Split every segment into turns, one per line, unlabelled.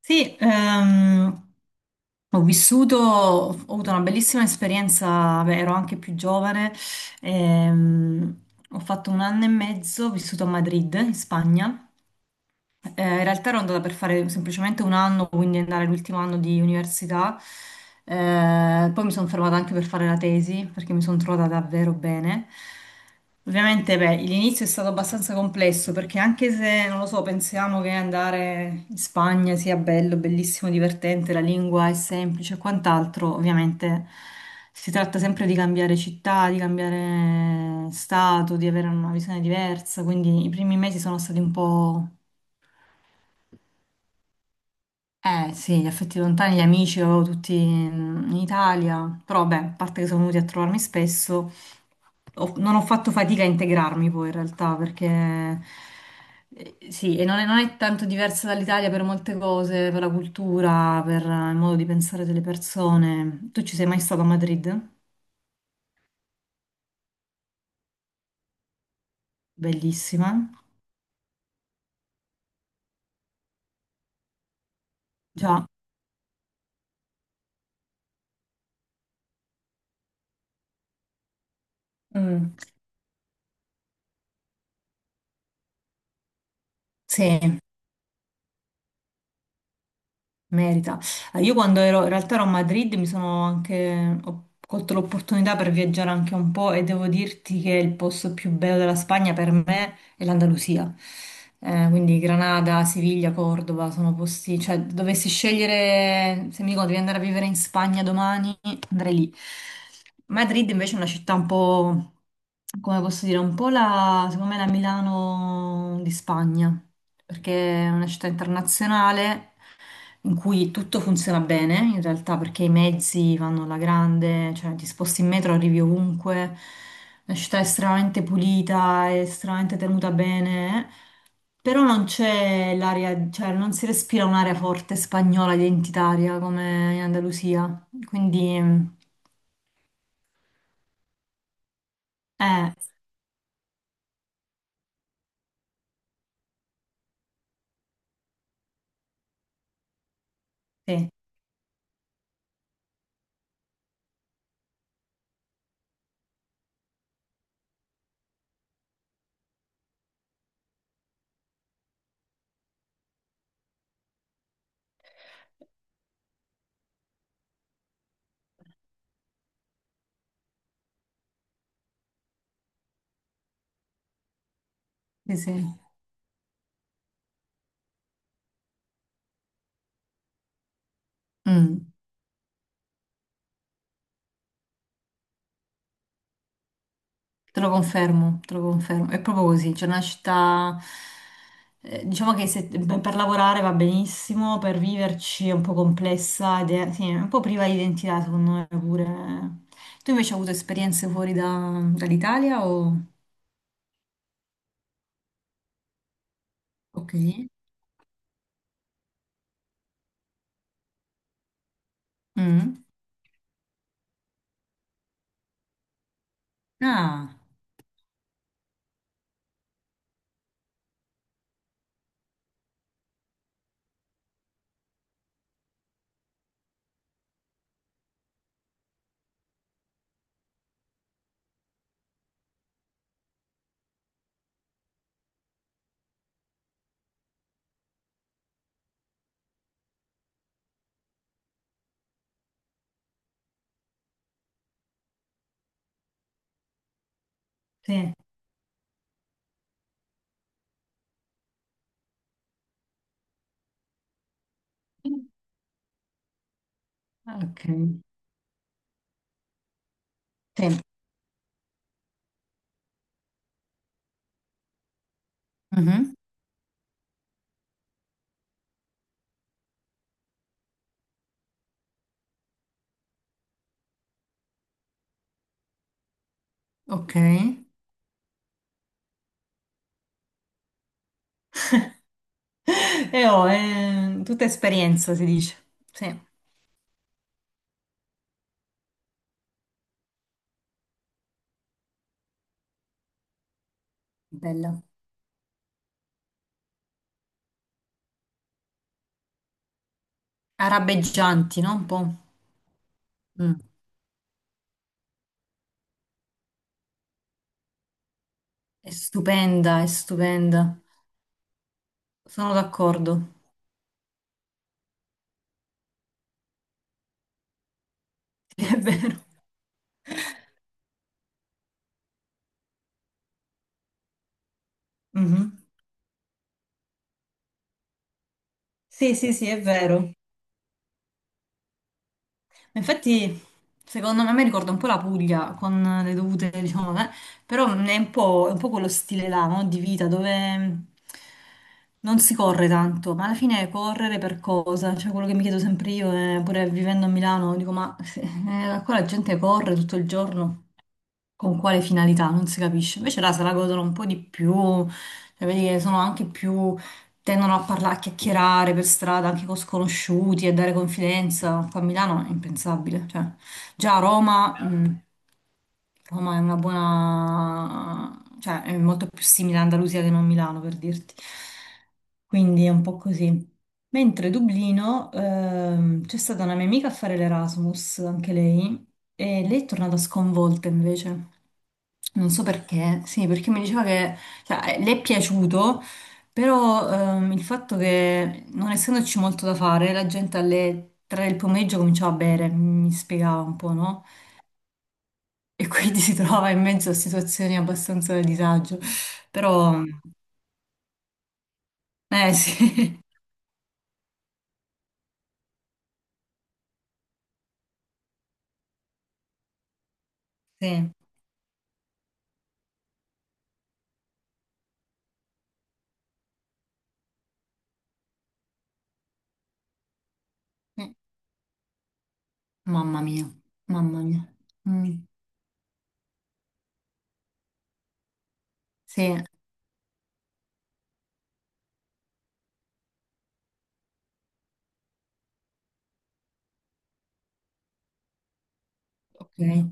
Sì, ho avuto una bellissima esperienza. Beh, ero anche più giovane. ehm, Ho fatto un anno e mezzo, ho vissuto a Madrid, in Spagna. Eh, in realtà ero andata per fare semplicemente un anno, quindi andare l'ultimo anno di università. Poi mi sono fermata anche per fare la tesi, perché mi sono trovata davvero bene. Ovviamente, beh, l'inizio è stato abbastanza complesso, perché anche se, non lo so, pensiamo che andare in Spagna sia bello, bellissimo, divertente, la lingua è semplice e quant'altro, ovviamente si tratta sempre di cambiare città, di cambiare stato, di avere una visione diversa, quindi i primi mesi sono stati un po'. Eh sì, gli affetti lontani, gli amici, avevo tutti in Italia, però vabbè, a parte che sono venuti a trovarmi spesso, non ho fatto fatica a integrarmi poi in realtà, perché sì, e non è tanto diversa dall'Italia per molte cose, per la cultura, per il modo di pensare delle persone. Tu ci sei mai stato a Madrid? Bellissima. Già. Mm. Sì. Merita. Io in realtà ero a Madrid, ho colto l'opportunità per viaggiare anche un po' e devo dirti che il posto più bello della Spagna per me è l'Andalusia. Quindi Granada, Siviglia, Cordova sono posti, cioè dovessi scegliere, se mi dicono devi andare a vivere in Spagna domani, andrei lì. Madrid invece è una città un po', come posso dire, un po' secondo me la Milano di Spagna, perché è una città internazionale in cui tutto funziona bene in realtà, perché i mezzi vanno alla grande, cioè ti sposti in metro, arrivi ovunque, la città è estremamente pulita, è estremamente tenuta bene, però non c'è l'aria, cioè non si respira un'aria forte spagnola identitaria come in Andalusia, quindi eh, sì, sì, sì. Mm. Te lo confermo, te lo confermo. È proprio così, c'è una città, diciamo che beh, per lavorare va benissimo, per viverci è un po' complessa ed è, sì, è un po' priva di identità, secondo me pure. Tu invece hai avuto esperienze fuori dall'Italia o... Ok. Mm. Ah, sì. Ah, ok. Sì. Mhm. Ok. Tutta esperienza, si dice. Sì, bella. Arabeggianti, no? Un po'. Mm. È stupenda, è stupenda. Sono d'accordo. Sì, è vero. Mhm. Sì, sì, sì, è vero. Ma infatti, secondo me, mi ricorda un po' la Puglia con le dovute, diciamo, però è un po' quello stile là, no? Di vita dove non si corre tanto, ma alla fine è correre per cosa? Cioè, quello che mi chiedo sempre io, è, pure vivendo a Milano, dico, ma qua la gente corre tutto il giorno. Con quale finalità, non si capisce. Invece là se la godono un po' di più, cioè vedi che sono anche più, tendono a parlare, a chiacchierare per strada anche con sconosciuti e dare confidenza. Qua a Milano è impensabile, cioè già a Roma, Roma è una buona, cioè è molto più simile a Andalusia che non Milano, per dirti. Quindi è un po' così. Mentre Dublino, c'è stata una mia amica a fare l'Erasmus, anche lei, e lei è tornata sconvolta invece. Non so perché, sì, perché mi diceva che cioè, le è piaciuto, però il fatto che non essendoci molto da fare, la gente alle 3 del pomeriggio cominciava a bere, mi spiegava un po', no? E quindi si trovava in mezzo a situazioni abbastanza di disagio. Però, eh sì, sì. Mm. Mamma mia, mamma mia. Mm, sì, ok.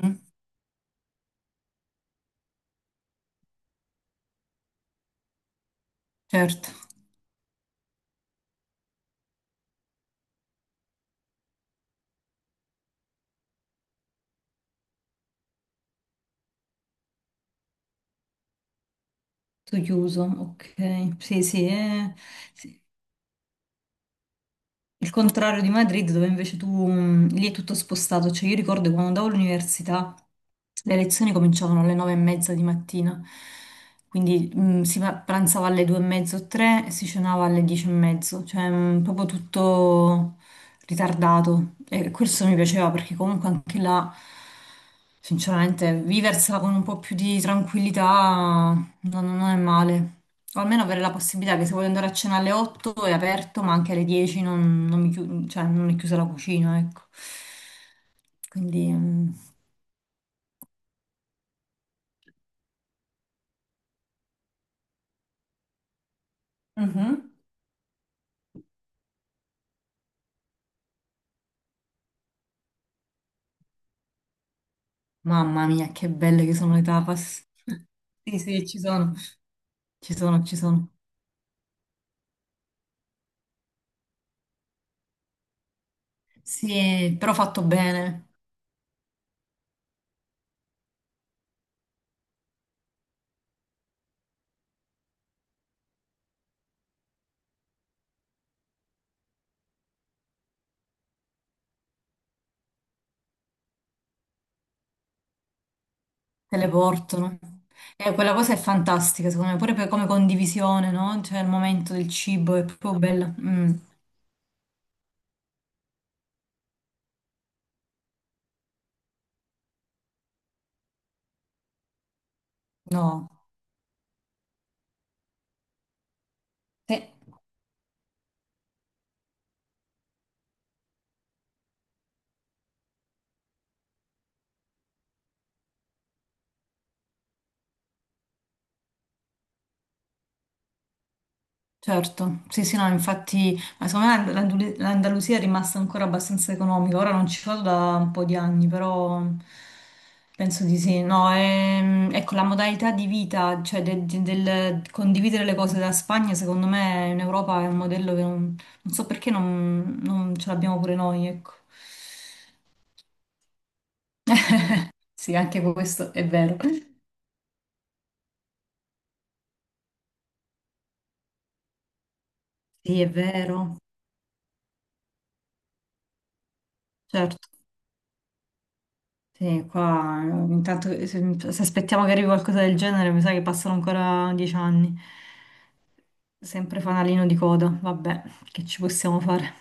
Mm, certo. Tutto chiuso, ok. Sì, sì, è sì. Il contrario di Madrid, dove invece tu lì è tutto spostato. Cioè, io ricordo quando andavo all'università, le lezioni cominciavano alle 9:30 di mattina, quindi si pranzava alle 2:30 o tre e si cenava alle 10:30, cioè proprio tutto ritardato. E questo mi piaceva perché comunque anche là. Sinceramente, viversela con un po' più di tranquillità non è male. O almeno avere la possibilità che se voglio andare a cena alle 8 è aperto, ma anche alle 10 non cioè, non è chiusa la cucina, ecco. Quindi. Mm. Mhm. Mamma mia, che belle che sono le tapas! Sì, sì, ci sono, ci sono, ci sono. Sì, però fatto bene, te le portano. E quella cosa è fantastica, secondo me, pure come condivisione, no? Cioè il momento del cibo è proprio bella. Mm, no. Sì. Certo, sì, sì, no, infatti, ma secondo me l'Andalusia è rimasta ancora abbastanza economica, ora non ci vado da un po' di anni, però penso di sì, no, ecco, la modalità di vita, cioè del condividere le cose da Spagna, secondo me in Europa è un modello che non so perché non ce l'abbiamo pure noi, ecco. Sì, anche questo è vero. Sì, è vero, certo. Sì, qua intanto se aspettiamo che arrivi qualcosa del genere, mi sa che passano ancora 10 anni. Sempre fanalino di coda, vabbè, che ci possiamo fare?